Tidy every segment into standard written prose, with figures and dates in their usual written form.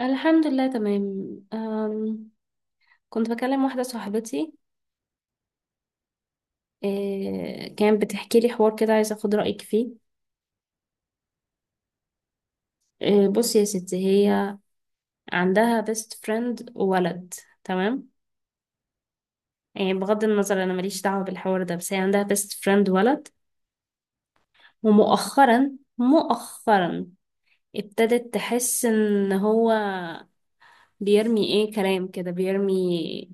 الحمد لله تمام. كنت بكلم واحدة صاحبتي. إيه، كانت بتحكي لي حوار كده، عايزة أخد رأيك فيه. إيه، بصي يا ستي، هي عندها بيست فريند ولد. تمام. يعني بغض النظر، أنا ماليش دعوة بالحوار ده، بس هي عندها بيست فريند ولد. ومؤخرا، مؤخرا ابتدت تحس إن هو بيرمي، كلام كده، بيرمي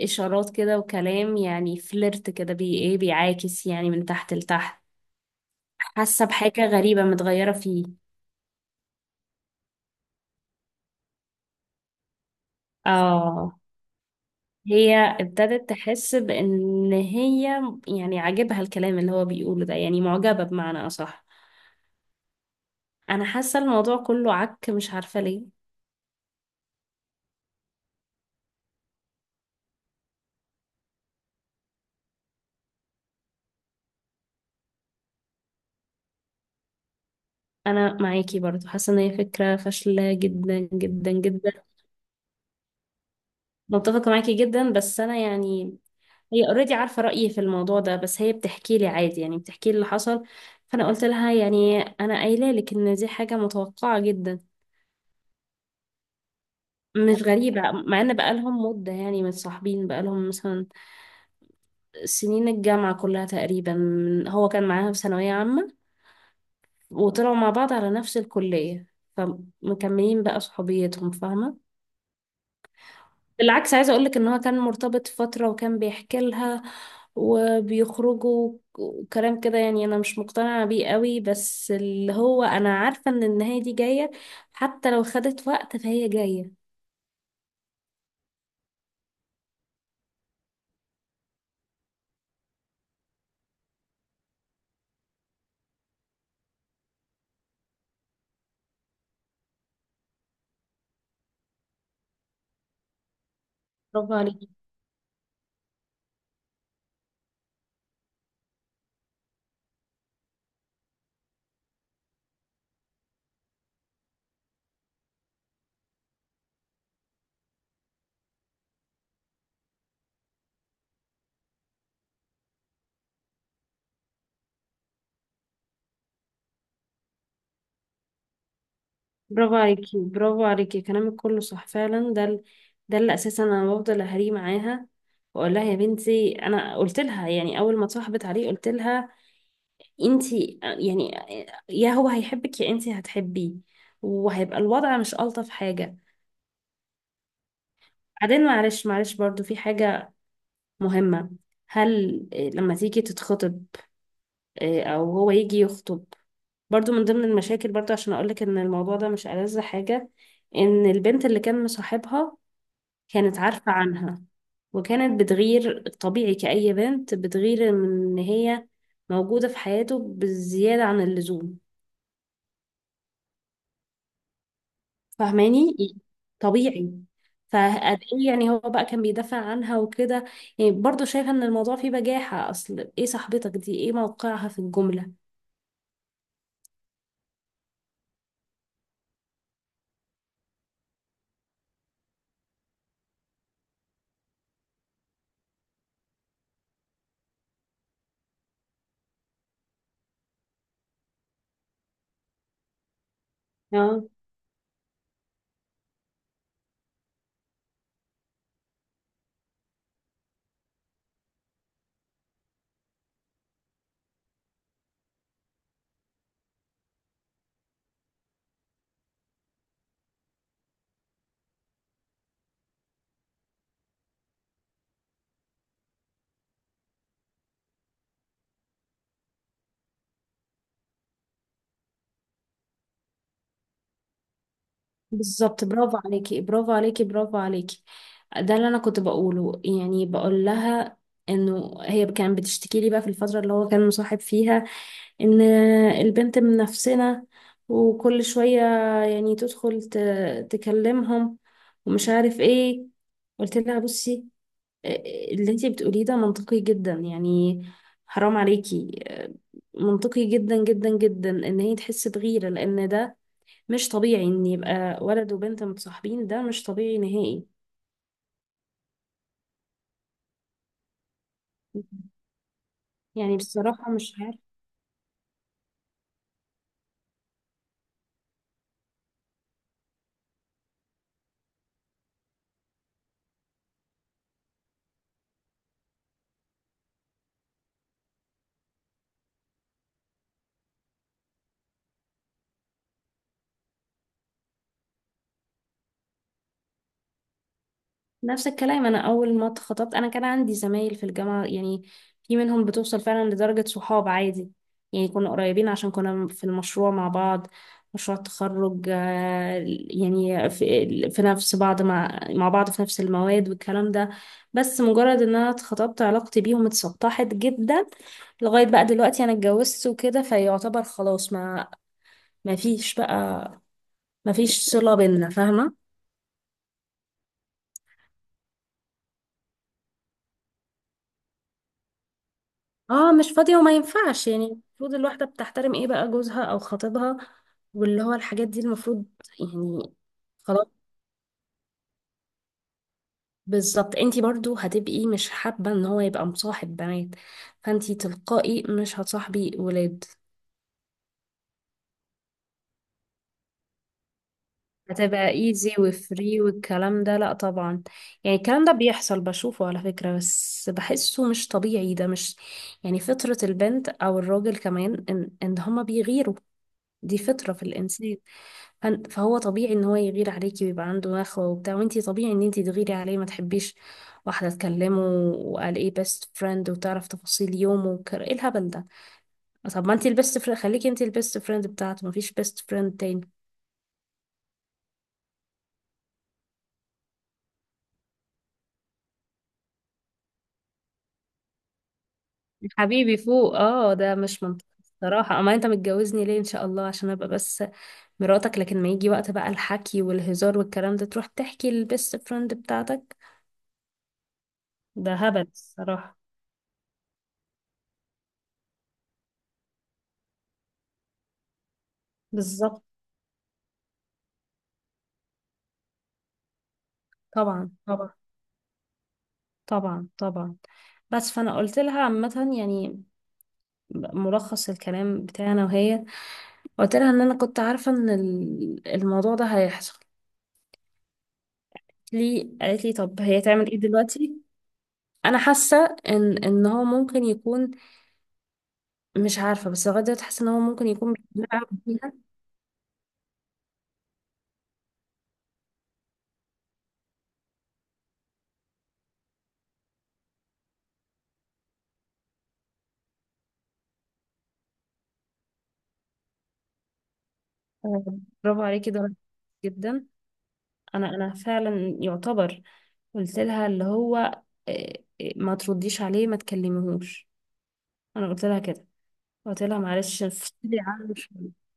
إشارات كده وكلام، يعني فليرت كده، بي إيه بيعاكس يعني من تحت لتحت. حاسة بحاجة غريبة متغيرة فيه. اه، هي ابتدت تحس بان هي يعني عاجبها الكلام اللي هو بيقوله ده، يعني معجبة بمعنى اصح. انا حاسة الموضوع كله عك، مش عارفة ليه. انا معاكي برضو، حاسة ان هي فكرة فاشلة جدا جدا جدا. متفقة معاكي جدا، بس انا يعني، هي اوريدي عارفة رأيي في الموضوع ده، بس هي بتحكي لي عادي، يعني بتحكي لي اللي حصل. فانا قلت لها يعني، انا قايله لك ان دي حاجة متوقعة جدا. مش غريبة، مع ان بقالهم مدة، يعني متصاحبين بقالهم مثلا سنين الجامعة كلها تقريبا، هو كان معاها في ثانوية عامة، وطلعوا مع بعض على نفس الكلية، فمكملين بقى صحوبيتهم، فاهمة. بالعكس عايزة اقولك ان هو كان مرتبط فترة، وكان بيحكي لها وبيخرجوا وكلام كده، يعني انا مش مقتنعة بيه قوي، بس اللي هو انا عارفة ان النهاية دي جاية، حتى لو خدت وقت فهي جاية. برافو عليك برافو عليكي، برافو عليكي، كلامك كله صح فعلا. ده اللي اساسا انا بفضل اهري معاها، واقول لها يا بنتي. انا قلت لها، يعني اول ما اتصاحبت عليه قلت لها، انتي يعني يا هو هيحبك يا انتي هتحبيه، وهيبقى الوضع مش الطف حاجه. بعدين معلش معلش، برضو في حاجه مهمه. هل إيه، لما تيجي تتخطب، إيه، او هو يجي يخطب، برضو من ضمن المشاكل. برضو عشان اقولك ان الموضوع ده مش ألذ حاجه، ان البنت اللي كان مصاحبها كانت عارفة عنها، وكانت بتغير طبيعي كأي بنت بتغير، من إن هي موجودة في حياته بالزيادة عن اللزوم. فاهماني؟ طبيعي. فقد ايه يعني، هو بقى كان بيدافع عنها وكده، يعني برضه شايفة ان الموضوع فيه بجاحة، اصل ايه صاحبتك دي، ايه موقعها في الجملة. اه، بالظبط. برافو عليكي، برافو عليكي، برافو عليكي، ده اللي انا كنت بقوله، يعني بقول لها انه هي كانت بتشتكي لي بقى في الفترة اللي هو كان مصاحب فيها ان البنت من نفسنا، وكل شوية يعني تدخل تكلمهم، ومش عارف ايه. قلت لها بصي، آه، اللي انتي بتقوليه ده منطقي جدا، يعني حرام عليكي، منطقي جدا جدا جدا ان هي تحس بغيرة، لان ده مش طبيعي ان يبقى ولد وبنت متصاحبين، ده مش طبيعي نهائي. يعني بصراحة مش عارف. نفس الكلام، أنا أول ما اتخطبت أنا كان عندي زمايل في الجامعة، يعني في منهم بتوصل فعلا لدرجة صحاب عادي، يعني كنا قريبين عشان كنا في المشروع مع بعض، مشروع التخرج، يعني في نفس بعض، مع بعض في نفس المواد والكلام ده. بس مجرد إن أنا اتخطبت، علاقتي بيهم اتسطحت جدا. لغاية بقى دلوقتي أنا اتجوزت وكده، فيعتبر خلاص، ما فيش بقى، ما فيش صلة بينا، فاهمة. اه، مش فاضية وما ينفعش، يعني المفروض الواحدة بتحترم ايه بقى، جوزها او خطيبها. واللي هو الحاجات دي المفروض يعني. خلاص، بالظبط. انتي برضو هتبقي مش حابة ان هو يبقى مصاحب بنات، فانتي تلقائي مش هتصاحبي ولاد. هتبقى ايزي وفري والكلام ده، لا طبعا. يعني الكلام ده بيحصل، بشوفه على فكرة، بس بحسه مش طبيعي، ده مش يعني فطرة البنت او الراجل كمان، ان هما بيغيروا، دي فطرة في الإنسان. فهو طبيعي ان هو يغير عليكي ويبقى عنده نخوة وبتاع، وانتي طبيعي ان انتي تغيري عليه، ما تحبيش واحدة تكلمه، وقال ايه بيست فريند، وتعرف تفاصيل يومه ايه الهبل ده. طب ما انتي البيست فريند، خليكي انتي البيست فريند بتاعته، مفيش بيست فريند تاني. حبيبي فوق، اه ده مش منطقي صراحة. اما انت متجوزني ليه ان شاء الله؟ عشان ابقى بس مراتك، لكن ما يجي وقت بقى الحكي والهزار والكلام ده تروح تحكي للبيست فريند بتاعتك، ده هبل الصراحة. بالظبط. طبعا طبعا، طبعا طبعا. بس فانا قلت لها عامه، يعني ملخص الكلام بتاعنا وهي، قلت لها ان انا كنت عارفه ان الموضوع ده هيحصل. لي قالت لي طب هي تعمل ايه دلوقتي، انا حاسه ان هو ممكن يكون، مش عارفه، بس لغايه دلوقتي حاسه ان هو ممكن يكون بيلعب بيها. آه، برافو عليكي، ده جدا. انا فعلا يعتبر قلت لها اللي هو، ما ترديش عليه، ما تكلميهوش، انا قلت لها كده، قلت لها معلش افصلي عنه شوية.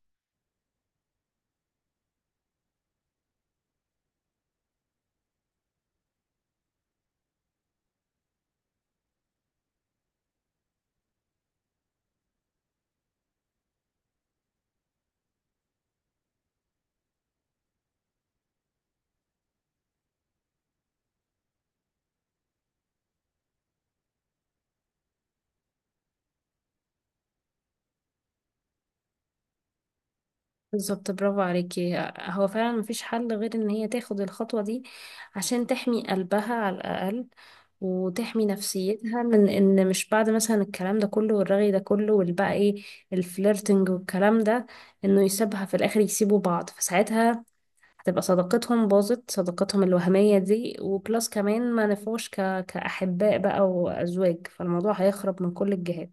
بالظبط، برافو عليكي. هو فعلا مفيش حل غير ان هي تاخد الخطوة دي عشان تحمي قلبها على الأقل، وتحمي نفسيتها من ان مش بعد مثلا الكلام ده كله والرغي ده كله والبقى ايه الفليرتنج والكلام ده، انه يسيبها في الاخر، يسيبوا بعض، فساعتها هتبقى صداقتهم باظت، صداقتهم الوهمية دي، وبلس كمان ما نفوش كأحباء بقى وأزواج، فالموضوع هيخرب من كل الجهات.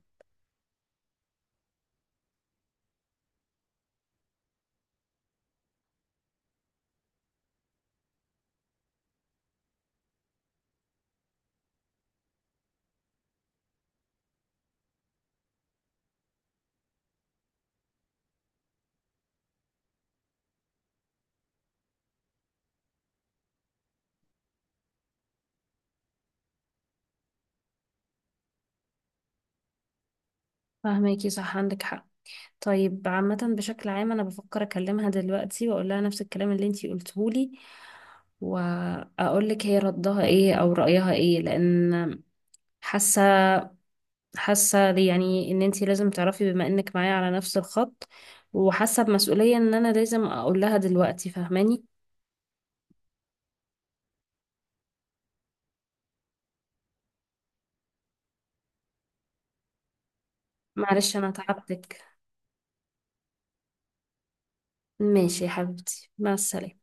فاهماكي، صح، عندك حق. طيب عامة بشكل عام أنا بفكر أكلمها دلوقتي وأقول لها نفس الكلام اللي انتي قلتهولي، وأقول لك هي ردها ايه أو رأيها ايه، لأن حاسة، حاسة يعني إن انتي لازم تعرفي بما إنك معايا على نفس الخط، وحاسة بمسؤولية إن أنا لازم أقول لها دلوقتي. فاهماني؟ معلش أنا تعبتك. ماشي يا حبيبتي، مع السلامة.